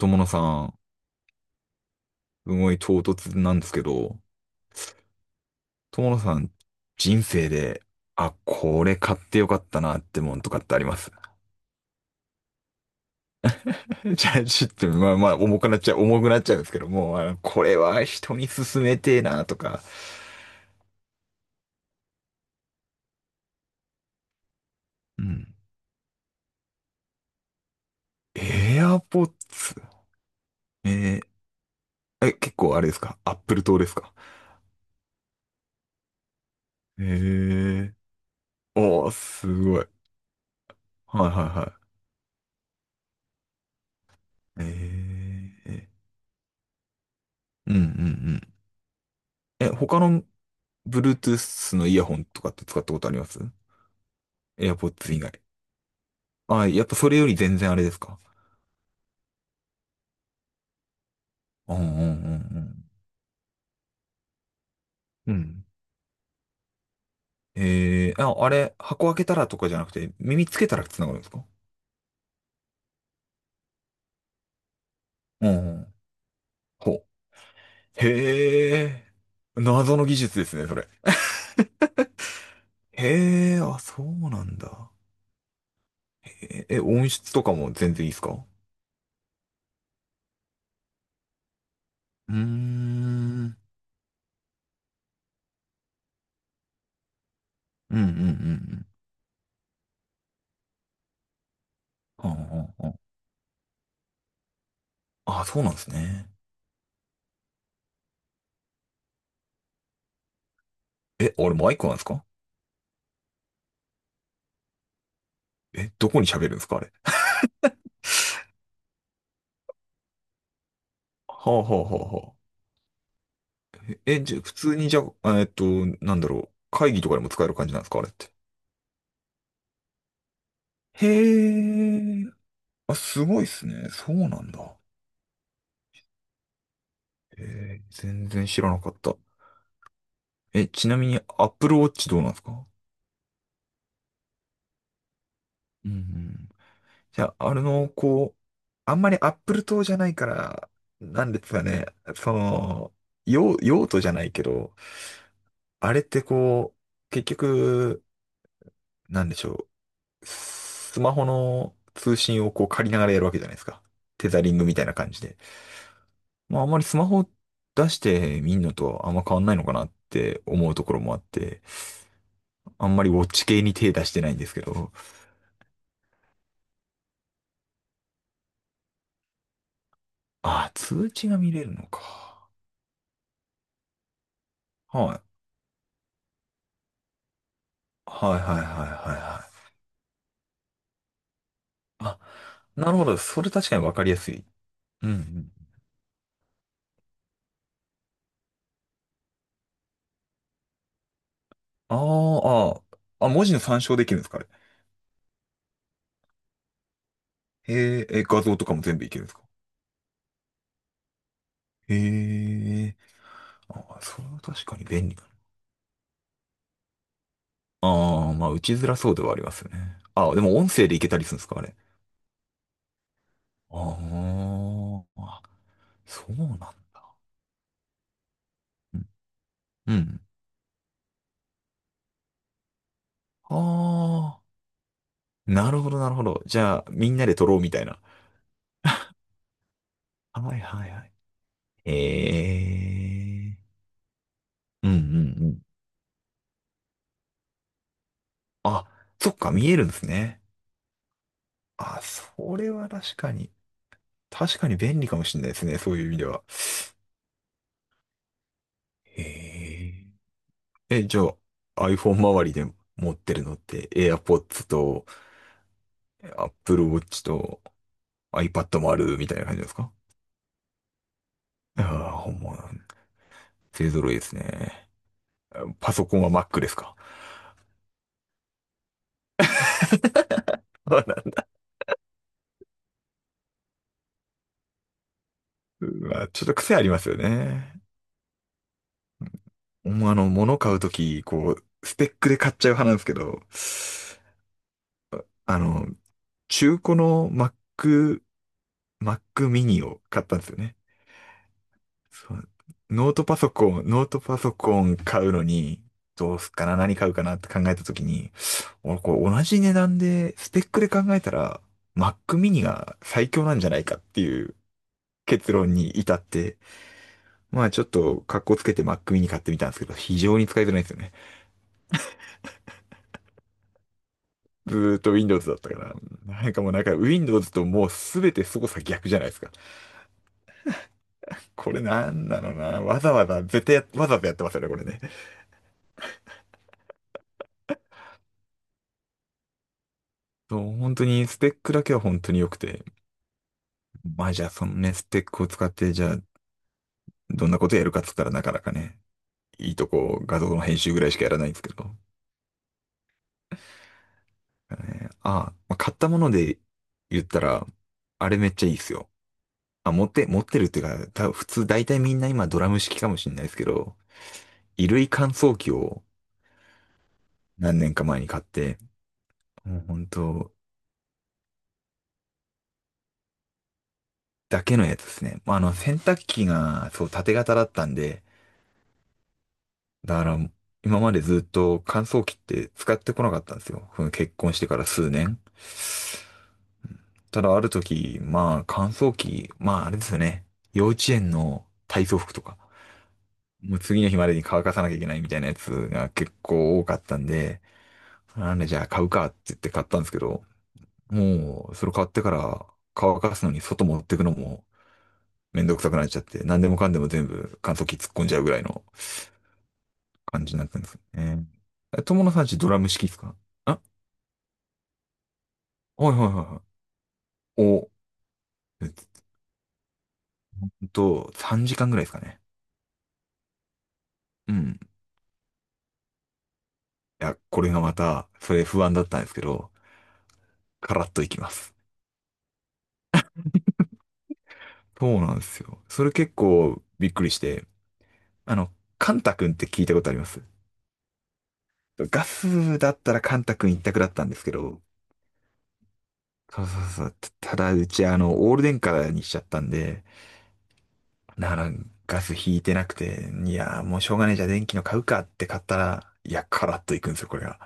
友野さん、すごい唐突なんですけど、友野さん、人生で、あ、これ買ってよかったなってもんとかってあります？ じゃあ、ちょっと、まあまあ、重くなっちゃうんですけども、あのこれは人に勧めてえなとか。うん。エアポッツ。え結構あれですか、アップル党ですか？えー、おー、すごい。はいはいはい。えー、うんうんうん。え、他の Bluetooth のイヤホンとかって使ったことあります？ AirPods 以外。あ、やっぱそれより全然あれですか？うんうんうんうん。うん。えー、あ、あれ、箱開けたらとかじゃなくて、耳つけたら繋がるんですか？うんうん。ほう。へえ、謎の技術ですね、それ。へえ、あ、そうなんだ。へえ、え、音質とかも全然いいですか？うーん。うんうんうんうん。はあはあは、ああ、そうなんですね。え、あれマイクなんですか？え、どこに喋るんですかあれ。ほうほうほうほう。え、じゃ、普通にじゃあ、なんだろう。会議とかでも使える感じなんですか、あれって。へえ。あ、すごいっすね。そうなんだ。へえ、全然知らなかった。え、ちなみに Apple Watch どうなんですか？うんうん。じゃあ、あれの、こう、あんまり Apple 党じゃないから、なんですかね。その、用、用途じゃないけど、あれってこう、結局、なんでしょう。スマホの通信をこう借りながらやるわけじゃないですか。テザリングみたいな感じで。まああんまりスマホ出してみんのとあんま変わんないのかなって思うところもあって、あんまりウォッチ系に手出してないんですけど、ああ、通知が見れるのか。はい。はいはいはいはいはい。あ、なるほど。それ確かにわかりやすい。うんうん。あーあー、あ、文字の参照できるんですかあれ？へーえ、画像とかも全部いけるんですか？へえ、あ、それは確かに便利だ。ああ、まあ、打ちづらそうではありますよね。ああ、でも音声でいけたりするんですか、あれ。ああ、そうなんだ。うん。ああ、なるほど、なるほど。じゃあ、みんなで撮ろうみたいな。はいはいはい。ええー。うんうんうん。あ、そっか、見えるんですね。あ、それは確かに。確かに便利かもしれないですね、そういう意味では。ええ。え、じゃあ、iPhone 周りで持ってるのって AirPods と Apple Watch と iPad もあるみたいな感じですか？ああ、ほんま、勢揃いですね。パソコンは Mac ですか？ うわ、ちょっと癖ありますよね。ほんまあの、物買うとき、こう、スペックで買っちゃう派なんですけど、あの、中古の Mac、Mac mini を買ったんですよね。そう、ノートパソコン買うのに、どうすっかな、何買うかなって考えたときに、俺これ同じ値段で、スペックで考えたら、Mac mini が最強なんじゃないかっていう結論に至って、まあちょっと格好つけて Mac mini 買ってみたんですけど、非常に使いづらいんですよね。ずーっと Windows だったから、なんかもうなんか Windows ともうすべて操作逆じゃないですか。これなんだろうな、わざわざ、絶対や、わざわざやってますよね、これね。そう、本当にスペックだけは本当に良くて。まあじゃあそのね、スペックを使ってじゃあどんなことやるかっつったらなかなかね、いいとこ画像の編集ぐらいしかやらないんですけど。ねあ、まあ、買ったもので言ったら、あれめっちゃいいっすよ。あ、持ってるっていうか、多分普通大体みんな今ドラム式かもしれないですけど、衣類乾燥機を何年か前に買って、もう本当だけのやつですね。まああの洗濯機がそう縦型だったんで、だから今までずっと乾燥機って使ってこなかったんですよ。その結婚してから数年。ただある時、まあ乾燥機、まああれですよね。幼稚園の体操服とか、もう次の日までに乾かさなきゃいけないみたいなやつが結構多かったんで、なんでじゃあ買うかって言って買ったんですけど、もうそれ買ってから乾かすのに外持ってくのもめんどくさくなっちゃって、何でもかんでも全部乾燥機突っ込んじゃうぐらいの感じになったんですよね。え、友野さんちドラム式ですか？あ、はいはいはいはい。お、え3時間ぐらいですかね。うん。いや、これがまた、それ不安だったんですけど、カラッといきます。そうなんですよ。それ結構びっくりして、あの、カンタ君って聞いたことあります？ガスだったらカンタ君一択だったんですけど、そうそうそう。ただ、うちあの、オール電化にしちゃったんで、なら、ガス引いてなくて、いや、もうしょうがないじゃあ電気の買うかって買ったら、いや、カラッといくんですよ、これが。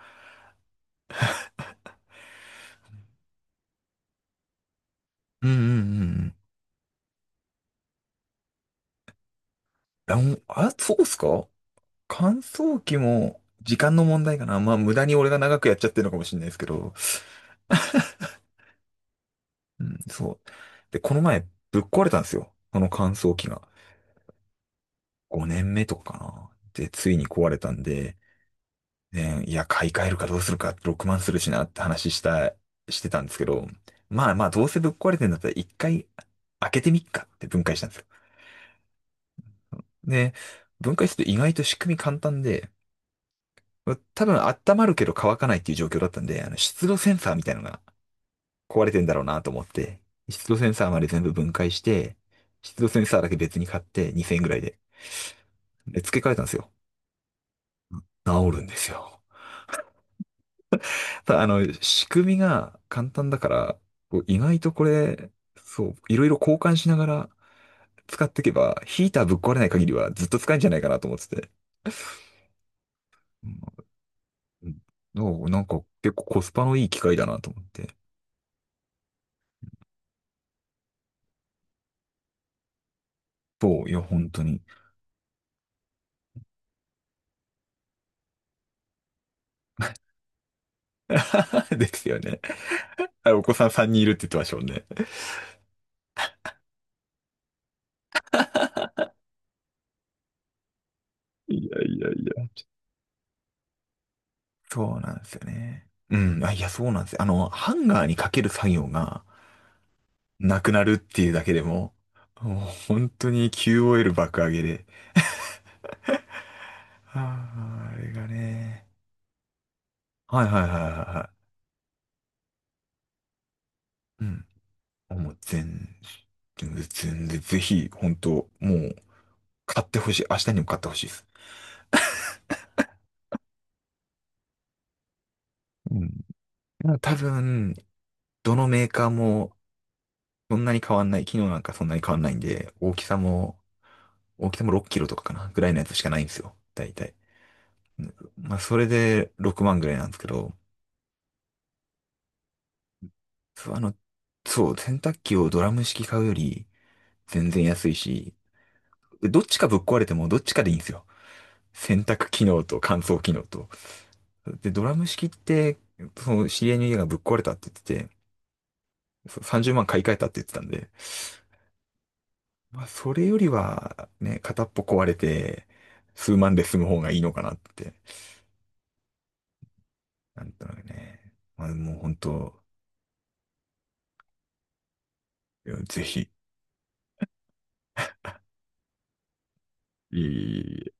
うんうんうんうん。あ、あ、そうっすか？乾燥機も時間の問題かな。まあ、無駄に俺が長くやっちゃってるのかもしれないですけど。うん、そう。で、この前、ぶっ壊れたんですよ。この乾燥機が。5年目とかかな。で、ついに壊れたんで、ね、いや、買い替えるかどうするか、6万するしなって話した、してたんですけど、まあまあ、どうせぶっ壊れてんだったら一回開けてみっかって分解したんですよ。で、分解すると意外と仕組み簡単で、多分温まるけど乾かないっていう状況だったんで、あの、湿度センサーみたいなのが壊れてんだろうなと思って、湿度センサーまで全部分解して、湿度センサーだけ別に買って2000円ぐらいで。で、付け替えたんですよ。治るんですよ。ただ、あの、仕組みが簡単だから、こう意外とこれ、そう、いろいろ交換しながら使っていけば、ヒーターぶっ壊れない限りはずっと使えるんじゃないかなと思ってて。うんうん、なんか結構コスパのいい機械だなと思って。そう、いや、本当に。ですよね。あ、お子さん3人いるって言ってましたもんね。いやいやいや。そうなんですよね。うん。あ、いや、そうなんですよ。あの、ハンガーにかける作業がなくなるっていうだけでも、もう本当に QOL 爆上げで。ああ、あれがね。はいはいはいはいはい。うん。もう全然、全然、ぜひ、本当もう、買ってほしい。明日にも買ってほしいです。うん。なんか多分、どのメーカーもそんなに変わんない。機能なんかそんなに変わんないんで、大きさも、大きさも6キロとかかな、ぐらいのやつしかないんですよ。大体。まあ、それで6万ぐらいなんですけど、そう、あの、そう、洗濯機をドラム式買うより全然安いし、どっちかぶっ壊れてもどっちかでいいんですよ。洗濯機能と乾燥機能と。で、ドラム式って、その知り合いの家がぶっ壊れたって言ってて、そう30万買い替えたって言ってたんで、まあ、それよりは、ね、片っぽ壊れて、数万で済む方がいいのかなって。なんとなくね、まあ、もう本当、いやぜひ、いい